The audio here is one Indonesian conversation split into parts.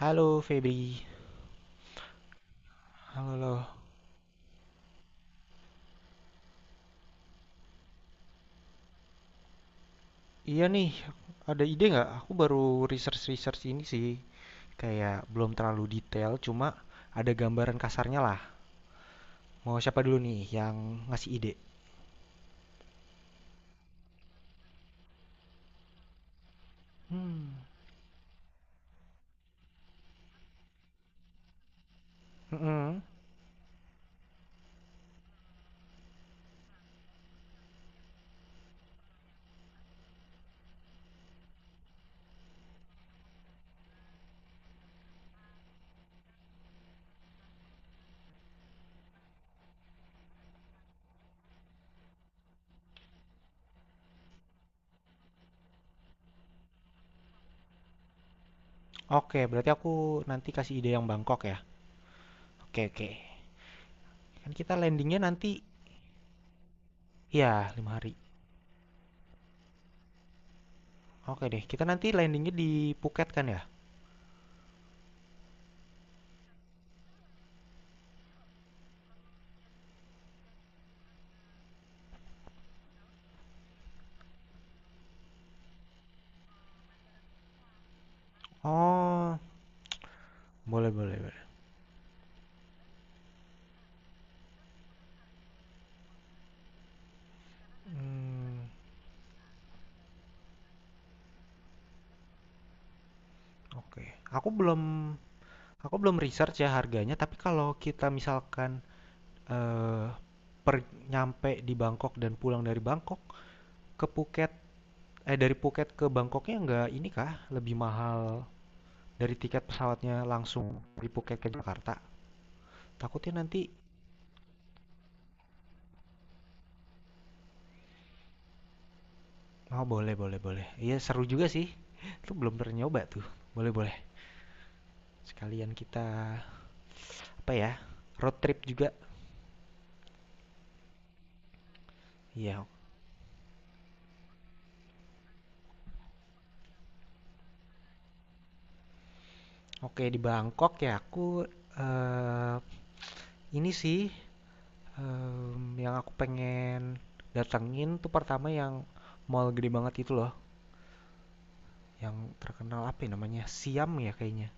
Halo Febri, halo lo. Iya nih, ada ide nggak? Aku baru research-research ini sih, kayak belum terlalu detail, cuma ada gambaran kasarnya lah. Mau siapa dulu nih yang ngasih ide? Hmm, mm-mm. Oke, berarti aku nanti kasih ide yang Bangkok ya. Oke, oke. Kan kita landingnya nanti, ya 5 hari. Oke deh, kita nanti landingnya di Phuket kan ya? Oh, boleh, boleh, boleh. Hmm, oke. Aku belum Aku belum research ya harganya, tapi kalau kita misalkan, eee, per nyampe di Bangkok dan pulang dari Bangkok ke Phuket dari Phuket ke Bangkoknya nggak ini kah, lebih mahal dari tiket pesawatnya langsung dari Phuket ke Jakarta? Takutnya nanti. Oh, boleh, boleh, boleh. Iya seru juga sih, itu belum pernah nyoba tuh. Boleh, boleh, sekalian kita apa ya, road trip juga. Iya, oke di Bangkok ya aku, eee, ini sih yang aku pengen datengin tuh pertama yang mall gede banget itu loh, yang terkenal apa ya namanya, Siam ya kayaknya,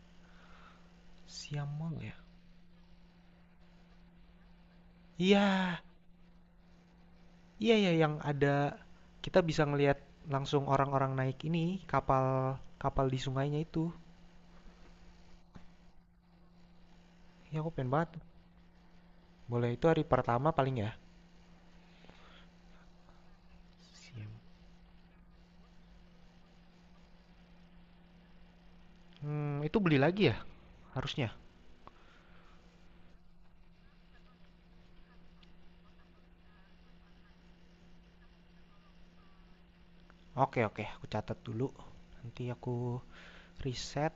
Siam Mall ya? Iya, iya ya yang ada kita bisa ngelihat langsung orang-orang naik ini, kapal kapal di sungainya itu. Iya, aku pengen banget. Boleh, itu hari pertama paling ya? Siam. Itu beli lagi ya harusnya? Oke oke, aku catat dulu, nanti aku riset.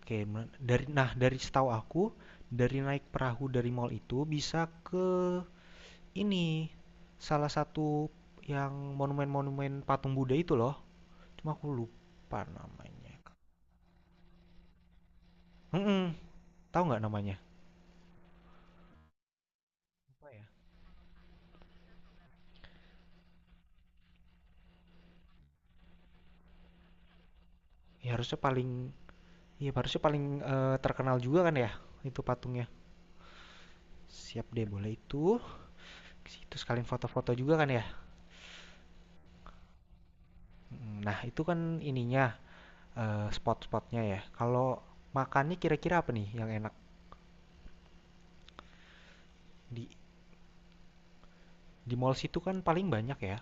Oke, nah dari setahu aku dari naik perahu dari mall itu bisa ke ini salah satu yang monumen-monumen patung Buddha itu loh. Cuma aku lupa namanya. Mm-mm, tahu nggak namanya? Lupa ya. Ya harusnya paling ya harusnya paling terkenal juga kan ya itu patungnya. Siap deh boleh itu. Itu sekalian foto-foto juga kan ya. Nah, itu kan ininya spot-spotnya ya. Kalau makannya kira-kira apa nih yang enak di Di mall situ kan paling banyak ya.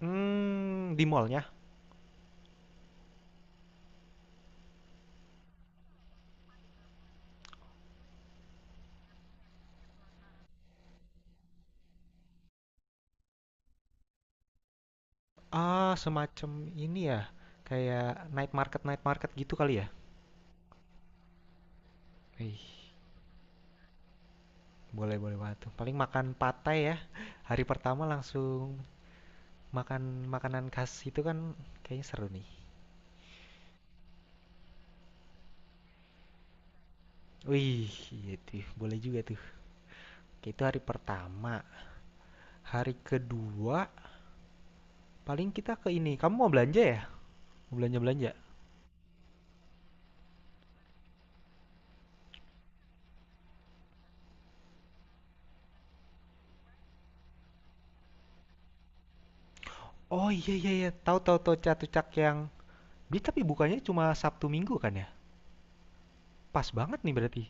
Hmm, di mallnya? Ah, semacam ini ya. Kayak night market gitu kali ya. Wih, boleh boleh banget tuh. Paling makan patai ya. Hari pertama langsung makan makanan khas itu kan kayaknya seru nih. Wih, iya tuh, boleh juga tuh. Oke, itu hari pertama. Hari kedua paling kita ke ini. Kamu mau belanja ya? Mau belanja-belanja? Oh iya iya iya, tahu tahu tahu catucak. Beli tapi bukannya cuma Sabtu Minggu kan ya? Pas banget nih berarti.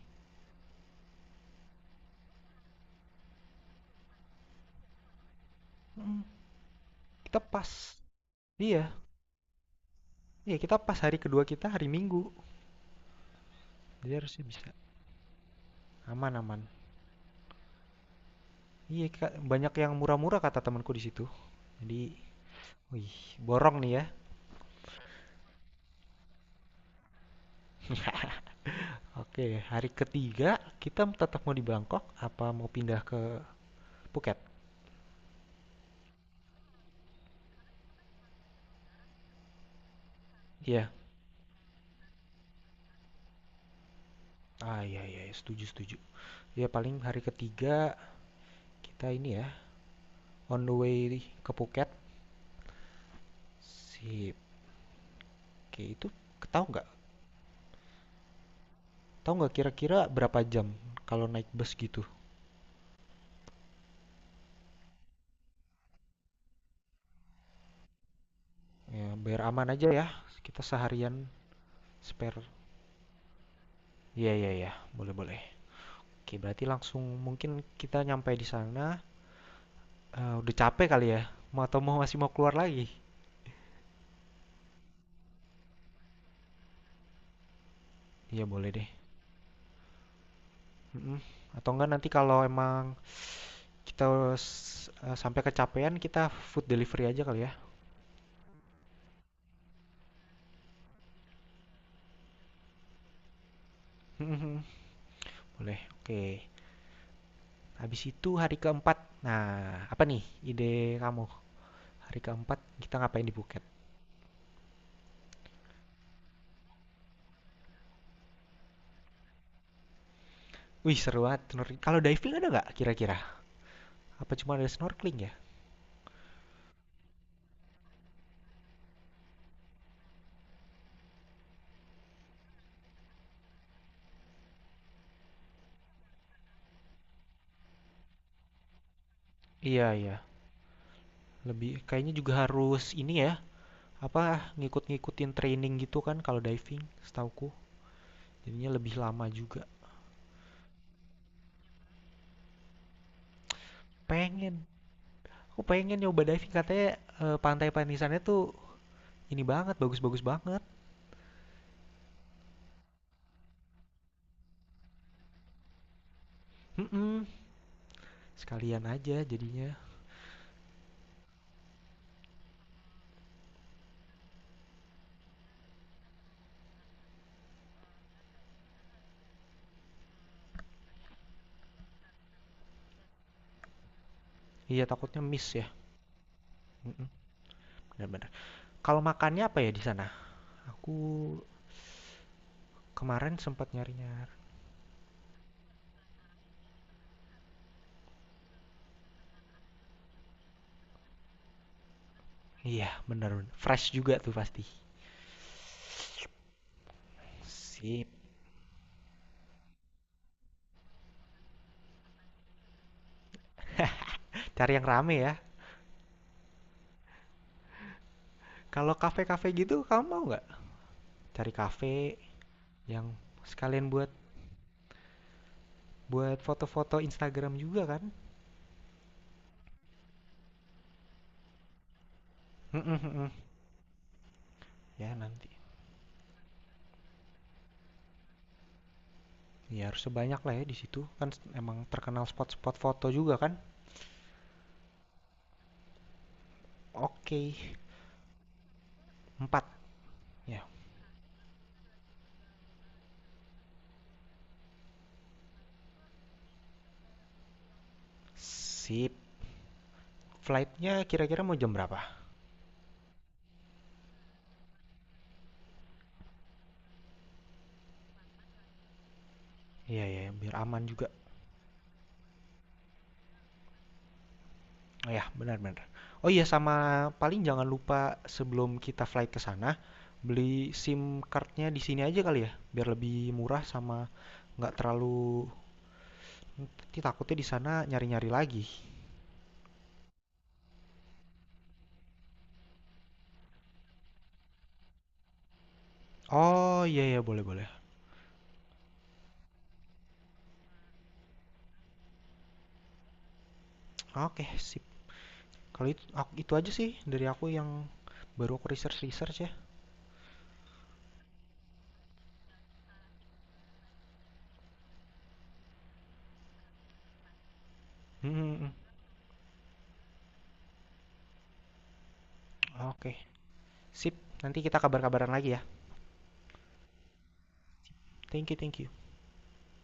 Mhm, kita pas. Iya, iya kita pas hari kedua kita hari Minggu. Jadi harusnya bisa. Aman aman. Iya, Kak, banyak yang murah-murah kata temanku di situ. Jadi, wih, borong nih ya. Oke, hari ketiga kita tetap mau di Bangkok apa mau pindah ke Phuket? Iya. Ah, iya iya, iya, setuju setuju. Ya paling hari ketiga kita ini ya on the way ke Phuket. Sip. Oke, itu tahu nggak? Tahu nggak kira-kira berapa jam kalau naik bus gitu? Ya, biar aman aja ya. Kita seharian spare. Iya, iya, iya. Boleh, boleh. Oke, berarti langsung mungkin kita nyampe di sana. Eh, udah capek kali ya? Mau atau mau masih mau keluar lagi? Iya, boleh deh. Mm-mm. Atau enggak nanti kalau emang kita sampai kecapean, kita food delivery aja kali ya. Mm-mm. Boleh. Oke. Habis itu hari keempat. Nah, apa nih ide kamu? Hari keempat kita ngapain di Phuket? Wih, seru banget. Kalau diving ada nggak kira-kira? Apa cuma ada snorkeling ya? Iya iya, lebih kayaknya juga harus ini ya, apa ngikut-ngikutin training gitu kan kalau diving, setauku. Jadinya lebih lama juga. Pengen, aku pengen nyoba diving katanya pantai Panisannya tuh ini banget, bagus-bagus banget. Mm-mm. Sekalian aja jadinya. Iya takutnya miss ya. Mm-mm. Benar-benar. Kalau makannya apa ya di sana? Aku kemarin sempat nyari-nyari. Iya, benar benar. Fresh juga tuh pasti. Sip. Cari yang rame ya. Kalau kafe-kafe gitu, kamu mau nggak? Cari kafe yang sekalian buat buat foto-foto Instagram juga kan ya. Nanti ya harus sebanyak lah ya, di situ kan emang terkenal spot-spot foto juga kan. Oke, empat ya. Sip. Flightnya kira-kira mau jam berapa? Iya ya, biar aman juga. Oh ya, benar-benar. Oh iya, sama paling jangan lupa sebelum kita flight ke sana beli SIM cardnya di sini aja kali ya, biar lebih murah, sama nggak terlalu. Nanti takutnya di sana nyari-nyari lagi. Oh iya iya boleh boleh. Oke sip. Kalau itu aja sih dari aku yang baru aku research research ya. Hmm, hmm, hmm. Oke sip. Nanti kita kabar-kabaran lagi ya. Thank you thank you.